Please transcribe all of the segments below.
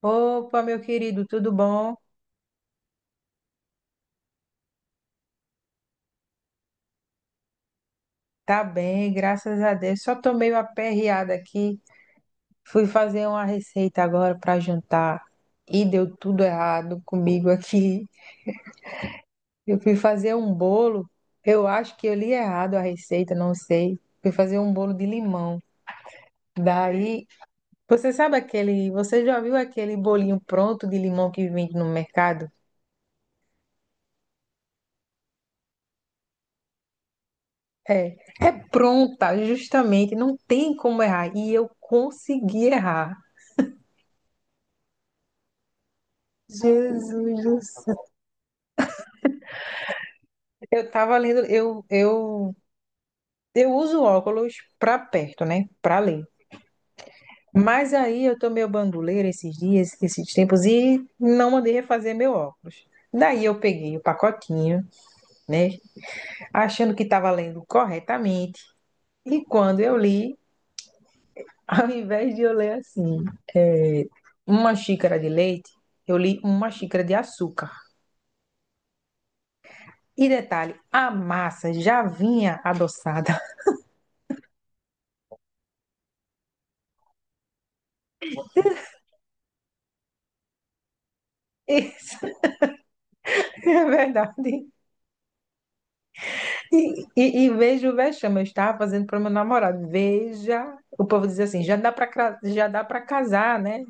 Opa, meu querido, tudo bom? Tá bem, graças a Deus. Só tô meio aperreada aqui. Fui fazer uma receita agora para jantar e deu tudo errado comigo aqui. Eu fui fazer um bolo, eu acho que eu li errado a receita, não sei. Fui fazer um bolo de limão. Daí, você sabe aquele, você já viu aquele bolinho pronto de limão que vende no mercado? É, é pronta, justamente, não tem como errar. E eu consegui errar. Jesus do céu. Eu tava lendo, eu uso óculos pra perto, né? Pra ler. Mas aí eu tomei o banduleiro esses dias, esses tempos, e não mandei refazer meu óculos. Daí eu peguei o pacotinho, né? Achando que estava lendo corretamente. E quando eu li, ao invés de eu ler assim, uma xícara de leite, eu li uma xícara de açúcar. E detalhe, a massa já vinha adoçada. Isso é verdade. E veja o vexame, eu estava fazendo para meu namorado. Veja, o povo diz assim, já dá para casar, né?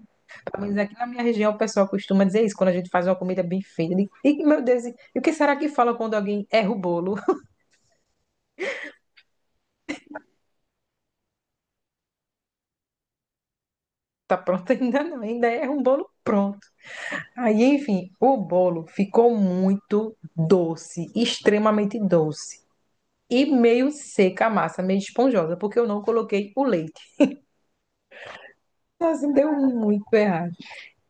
Pelo menos aqui na minha região o pessoal costuma dizer isso quando a gente faz uma comida bem feita. E meu Deus, e o que será que fala quando alguém erra o bolo? Tá pronto ainda não, ainda erra um bolo pronto. Aí, enfim, o bolo ficou muito doce, extremamente doce. E meio seca a massa, meio esponjosa, porque eu não coloquei o leite. Nossa, deu muito errado.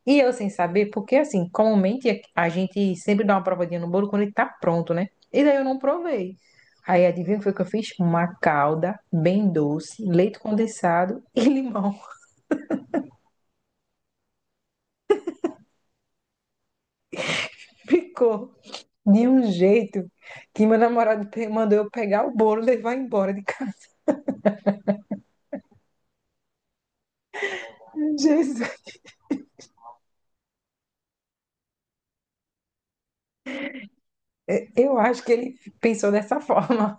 E eu sem saber, porque assim, comumente a gente sempre dá uma provadinha no bolo quando ele tá pronto, né? E daí eu não provei. Aí adivinha o que foi que eu fiz? Uma calda bem doce, leite condensado e limão. Ficou de um jeito que meu namorado mandou eu pegar o bolo e levar embora de casa. Jesus, eu acho que ele pensou dessa forma.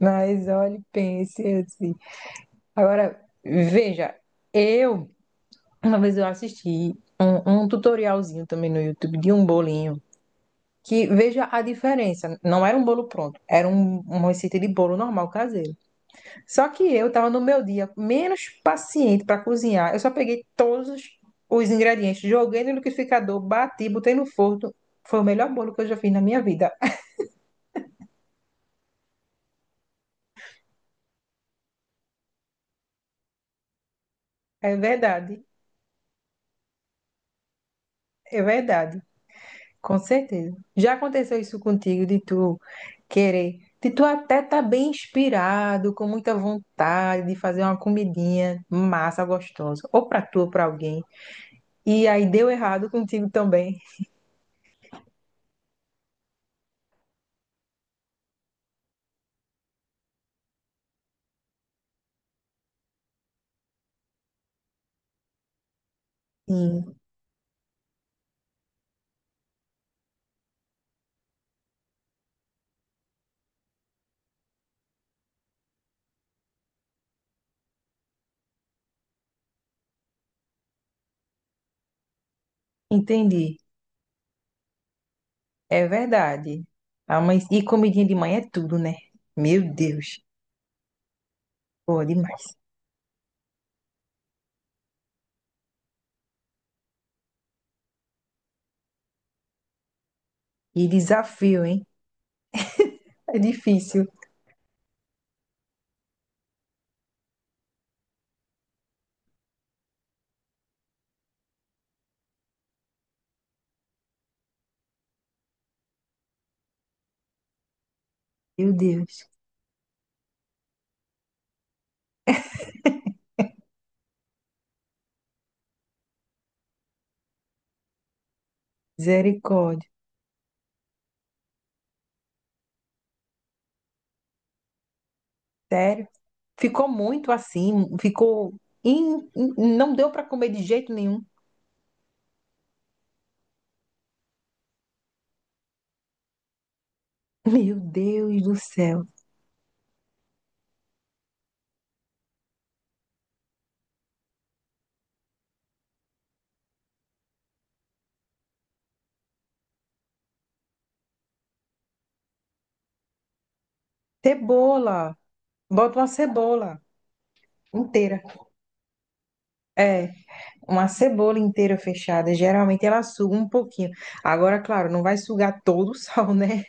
Mas olha, pense assim. Agora, veja, eu. Uma vez eu assisti um tutorialzinho também no YouTube de um bolinho, que veja a diferença. Não era um bolo pronto, era uma receita de bolo normal caseiro. Só que eu tava no meu dia menos paciente para cozinhar. Eu só peguei todos os ingredientes, joguei no liquidificador, bati, botei no forno. Foi o melhor bolo que eu já fiz na minha vida. É verdade, é verdade. Com certeza. Já aconteceu isso contigo, de tu querer, de tu até tá bem inspirado, com muita vontade de fazer uma comidinha massa, gostosa, ou pra tu ou pra alguém. E aí deu errado contigo também. Sim, entendi. É verdade. Ah, mas e comidinha de manhã é tudo, né? Meu Deus. Pô, demais. E desafio, hein? É difícil. Meu Deus. Misericórdia. Sério? Ficou muito assim, ficou. Não deu para comer de jeito nenhum. Meu Deus do céu. Cebola. Bota uma cebola inteira. É, uma cebola inteira fechada. Geralmente ela suga um pouquinho. Agora, claro, não vai sugar todo o sal, né?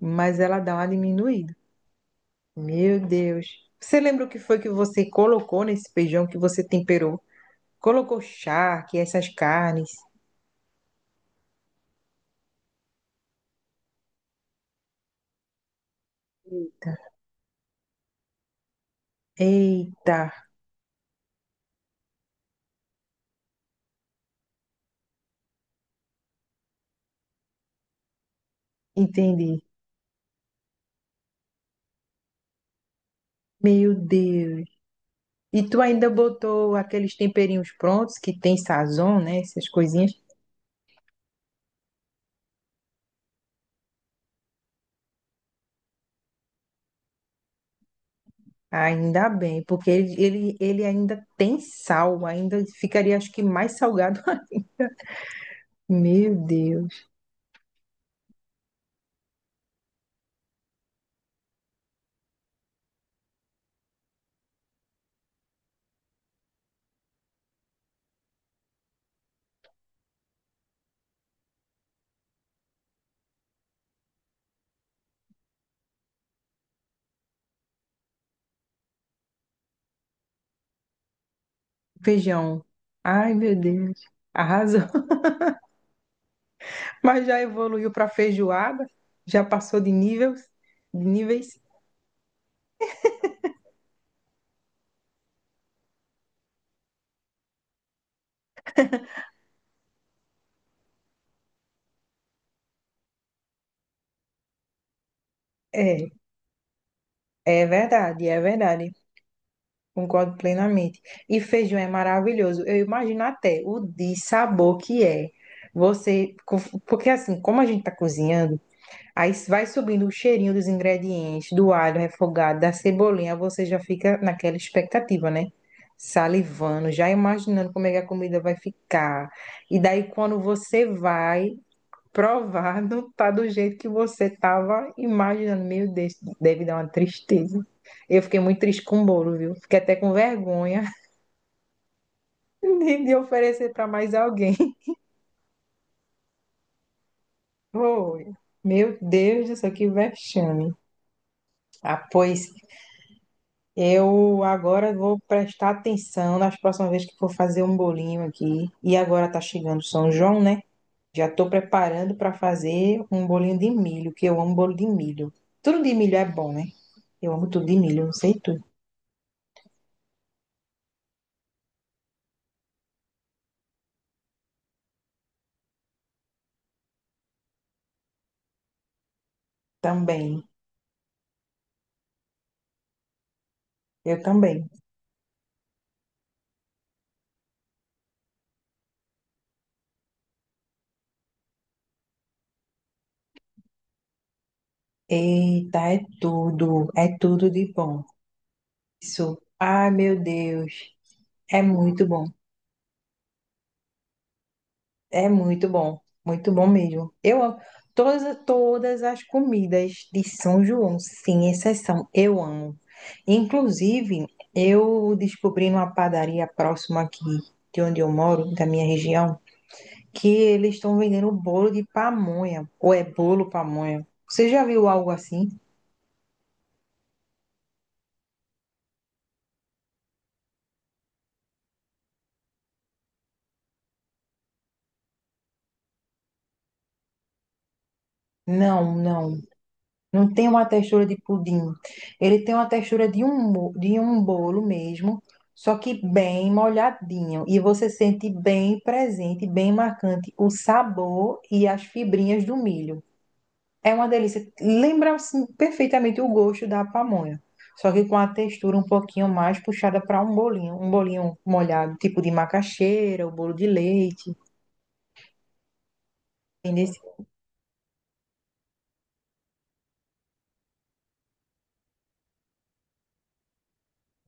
Mas ela dá uma diminuída. Meu Deus. Você lembra o que foi que você colocou nesse feijão que você temperou? Colocou charque, essas carnes. Eita, entendi. Meu Deus. E tu ainda botou aqueles temperinhos prontos que tem sazon, né? Essas coisinhas. Ainda bem, porque ele ainda tem sal, ainda ficaria, acho que, mais salgado. Meu Deus. Feijão. Ai, meu Deus. Arrasou. Mas já evoluiu para feijoada, já passou de níveis, de níveis. É, é verdade, é verdade. Concordo plenamente. E feijão é maravilhoso. Eu imagino até o de sabor que é. Você, porque assim, como a gente tá cozinhando, aí vai subindo o cheirinho dos ingredientes, do alho refogado, da cebolinha, você já fica naquela expectativa, né? Salivando, já imaginando como é que a comida vai ficar. E daí quando você vai, provar não tá do jeito que você tava imaginando. Meu Deus, deve dar uma tristeza. Eu fiquei muito triste com o bolo, viu? Fiquei até com vergonha de oferecer para mais alguém. Foi. Meu Deus do céu, que vexame. Ah, pois eu agora vou prestar atenção nas próximas vezes que for fazer um bolinho aqui. E agora tá chegando São João, né? Já tô preparando para fazer um bolinho de milho, que eu amo bolo de milho. Tudo de milho é bom, né? Eu amo tudo de milho, não sei tu. Também, eu também. Eita, é tudo de bom. Isso, ai meu Deus, é muito bom, é muito bom mesmo. Eu amo todas, todas as comidas de São João, sem exceção, eu amo. Inclusive, eu descobri numa padaria próxima aqui de onde eu moro, da minha região, que eles estão vendendo bolo de pamonha, ou é bolo pamonha. Você já viu algo assim? Não, não. Não tem uma textura de pudim. Ele tem uma textura de um, de um bolo mesmo, só que bem molhadinho. E você sente bem presente, bem marcante o sabor e as fibrinhas do milho. É uma delícia. Lembra assim, perfeitamente o gosto da pamonha. Só que com a textura um pouquinho mais puxada para um bolinho. Um bolinho molhado, tipo de macaxeira, o bolo de leite. Entendeu?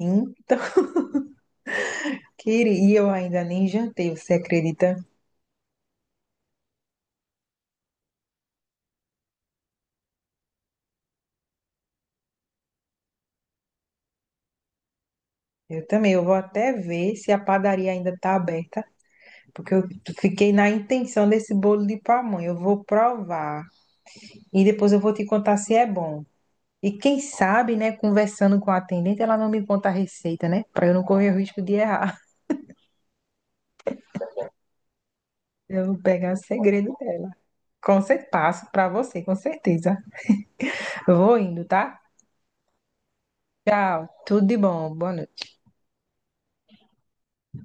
Então, queria, e eu ainda nem jantei, você acredita? Eu também, eu vou até ver se a padaria ainda está aberta, porque eu fiquei na intenção desse bolo de pamonha. Eu vou provar e depois eu vou te contar se é bom. E quem sabe, né, conversando com a atendente, ela não me conta a receita, né? Para eu não correr o risco de errar. Eu vou pegar o segredo dela. Com certeza, passo para você, com certeza. Eu vou indo, tá? Tchau, tudo de bom, boa noite.